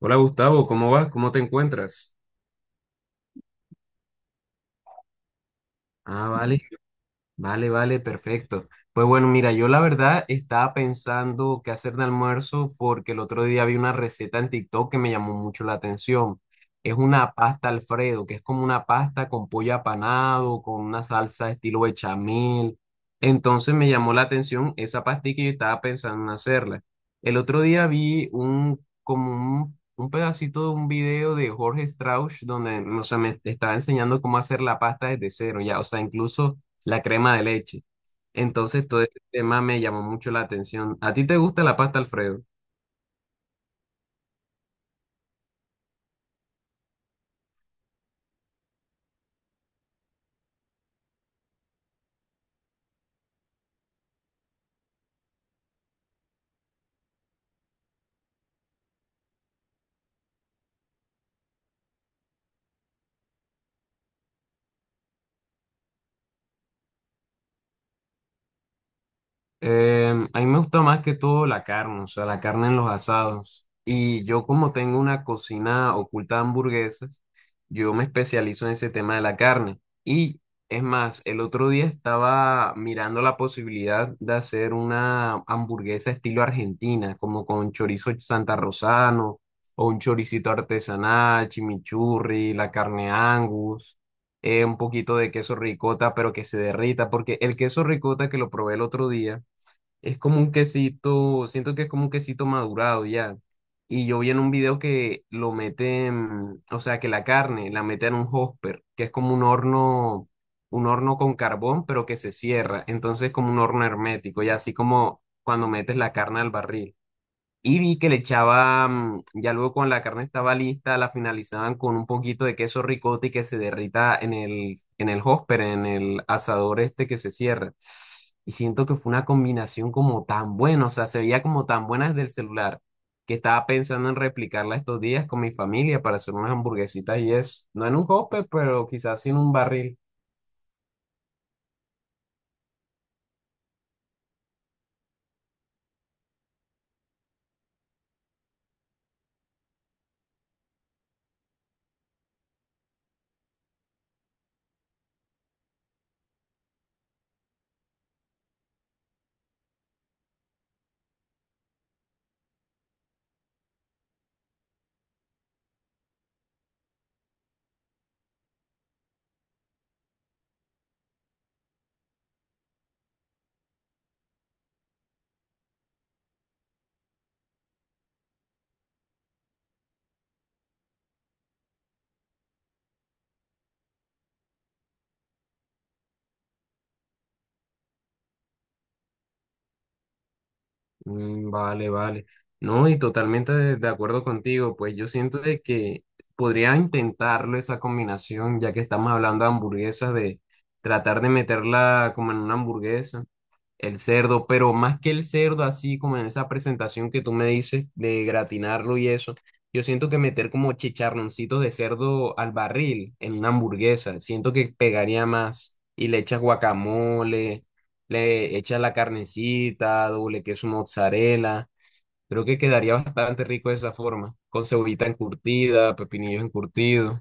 Hola Gustavo, ¿cómo vas? ¿Cómo te encuentras? Ah, vale. Vale, vale, perfecto. Pues bueno, mira, yo la verdad estaba pensando qué hacer de almuerzo porque el otro día vi una receta en TikTok que me llamó mucho la atención. Es una pasta Alfredo, que es como una pasta con pollo apanado, con una salsa estilo bechamel. Entonces me llamó la atención esa pastilla y yo estaba pensando en hacerla. El otro día vi un, como un pedacito de un video de Jorge Strauss donde, no sé, me estaba enseñando cómo hacer la pasta desde cero, ya, o sea, incluso la crema de leche. Entonces todo este tema me llamó mucho la atención. ¿A ti te gusta la pasta Alfredo? A mí me gusta más que todo la carne, o sea, la carne en los asados. Y yo como tengo una cocina oculta de hamburguesas, yo me especializo en ese tema de la carne. Y es más, el otro día estaba mirando la posibilidad de hacer una hamburguesa estilo argentina, como con chorizo santa rosano o un choricito artesanal, chimichurri, la carne Angus, un poquito de queso ricota, pero que se derrita, porque el queso ricota que lo probé el otro día, es como un quesito, siento que es como un quesito madurado ya. Y yo vi en un video que lo meten, o sea, que la carne la meten en un hopper, que es como un horno con carbón, pero que se cierra. Entonces, como un horno hermético, y así como cuando metes la carne al barril. Y vi que le echaban, ya luego cuando la carne estaba lista, la finalizaban con un poquito de queso ricotta y que se derrita en el hopper, en el asador este que se cierra. Y siento que fue una combinación como tan buena, o sea, se veía como tan buena desde el celular, que estaba pensando en replicarla estos días con mi familia para hacer unas hamburguesitas y eso. No en un hopper, pero quizás sí en un barril. Mm, vale, vale. No, y totalmente de acuerdo contigo, pues yo siento de que podría intentarlo esa combinación, ya que estamos hablando de hamburguesas, de tratar de meterla como en una hamburguesa. El cerdo, pero más que el cerdo, así como en esa presentación que tú me dices de gratinarlo y eso, yo siento que meter como chicharroncitos de cerdo al barril en una hamburguesa, siento que pegaría más y le echas guacamole, le echas la carnecita, doble queso mozzarella, creo que quedaría bastante rico de esa forma, con cebollita encurtida, pepinillos encurtidos.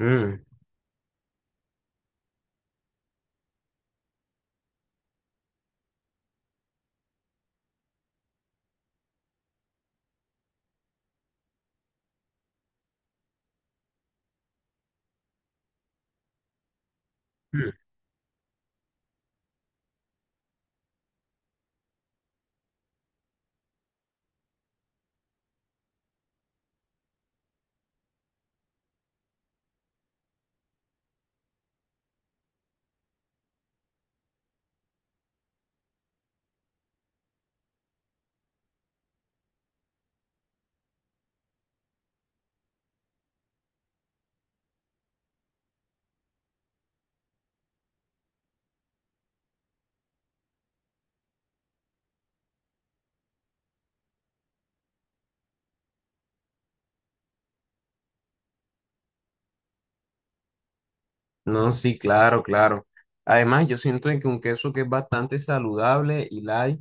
Ujú. Mm. No, sí, claro, claro. Además, yo siento de que un queso que es bastante saludable y light.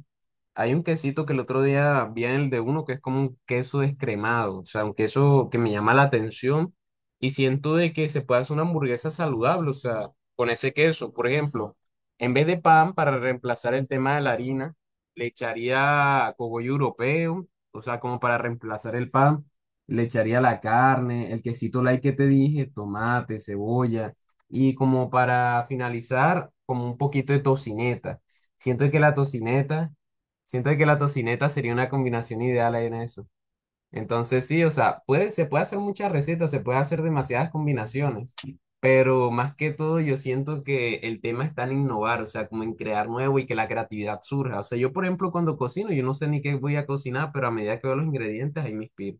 Hay un quesito que el otro día vi en el de uno que es como un queso descremado, o sea, un queso que me llama la atención y siento de que se puede hacer una hamburguesa saludable, o sea, con ese queso, por ejemplo, en vez de pan para reemplazar el tema de la harina, le echaría cogollo europeo, o sea, como para reemplazar el pan, le echaría la carne, el quesito light que te dije, tomate, cebolla y como para finalizar, como un poquito de tocineta. Siento que la tocineta Siento que la tocineta sería una combinación ideal ahí en eso. Entonces sí, o sea, puede, se puede hacer muchas recetas, se puede hacer demasiadas combinaciones, pero más que todo yo siento que el tema está en innovar, o sea, como en crear nuevo y que la creatividad surja. O sea, yo por ejemplo cuando cocino, yo no sé ni qué voy a cocinar, pero a medida que veo los ingredientes ahí me inspiro.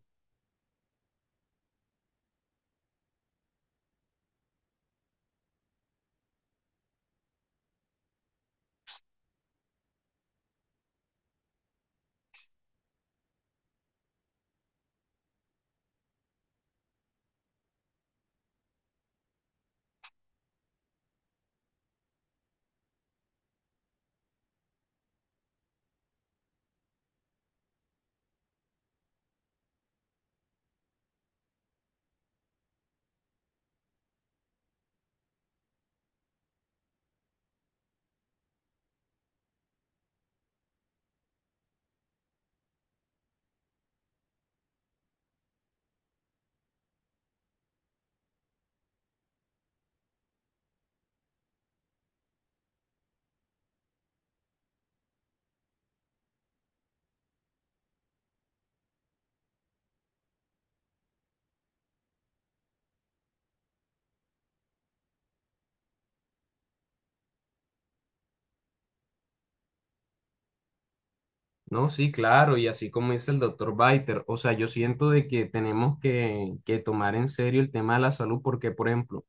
No, sí, claro, y así como dice el doctor Biter, o sea, yo siento de que tenemos que tomar en serio el tema de la salud, porque por ejemplo,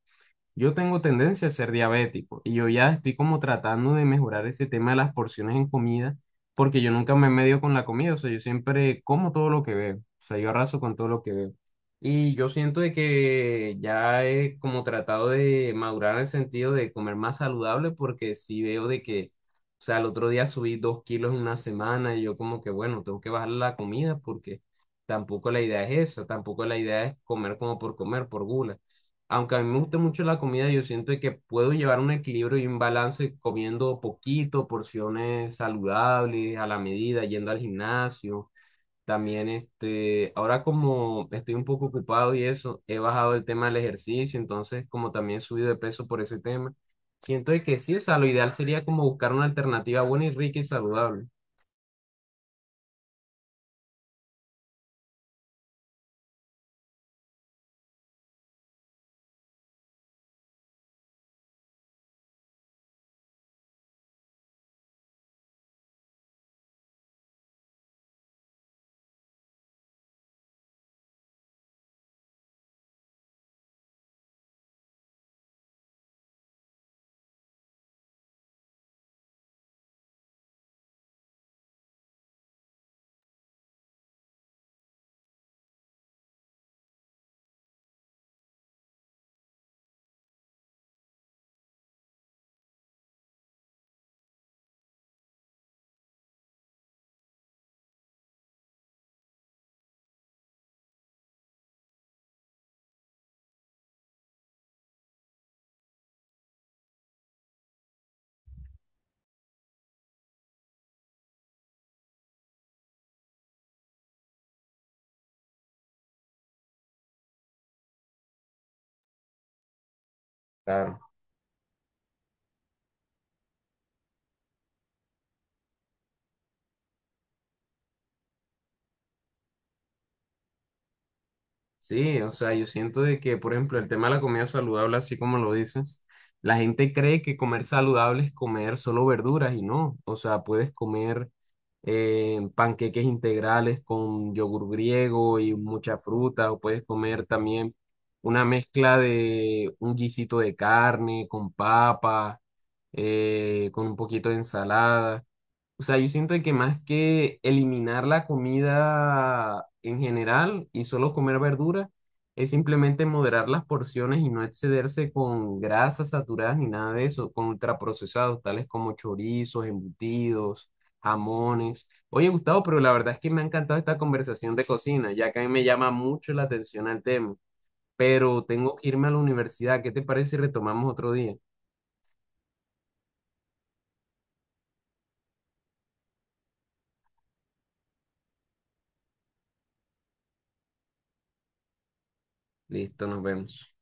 yo tengo tendencia a ser diabético y yo ya estoy como tratando de mejorar ese tema de las porciones en comida porque yo nunca me medio con la comida, o sea, yo siempre como todo lo que veo, o sea, yo arraso con todo lo que veo. Y yo siento de que ya he como tratado de madurar en el sentido de comer más saludable porque sí veo de que, o sea, el otro día subí 2 kilos en una semana y yo como que, bueno, tengo que bajar la comida porque tampoco la idea es esa, tampoco la idea es comer como por comer, por gula, aunque a mí me gusta mucho la comida, yo siento que puedo llevar un equilibrio y un balance comiendo poquito, porciones saludables, a la medida, yendo al gimnasio. También, este, ahora como estoy un poco ocupado y eso, he bajado el tema del ejercicio, entonces como también he subido de peso por ese tema, siento de que sí, o sea, lo ideal sería como buscar una alternativa buena y rica y saludable. Claro. Sí, o sea, yo siento de que, por ejemplo, el tema de la comida saludable, así como lo dices, la gente cree que comer saludable es comer solo verduras y no, o sea, puedes comer panqueques integrales con yogur griego y mucha fruta, o puedes comer también una mezcla de un guisito de carne con papa, con un poquito de ensalada. O sea, yo siento que más que eliminar la comida en general y solo comer verduras, es simplemente moderar las porciones y no excederse con grasas saturadas ni nada de eso, con ultraprocesados, tales como chorizos, embutidos, jamones. Oye, Gustavo, pero la verdad es que me ha encantado esta conversación de cocina, ya que a mí me llama mucho la atención al tema, pero tengo que irme a la universidad. ¿Qué te parece si retomamos otro día? Listo, nos vemos.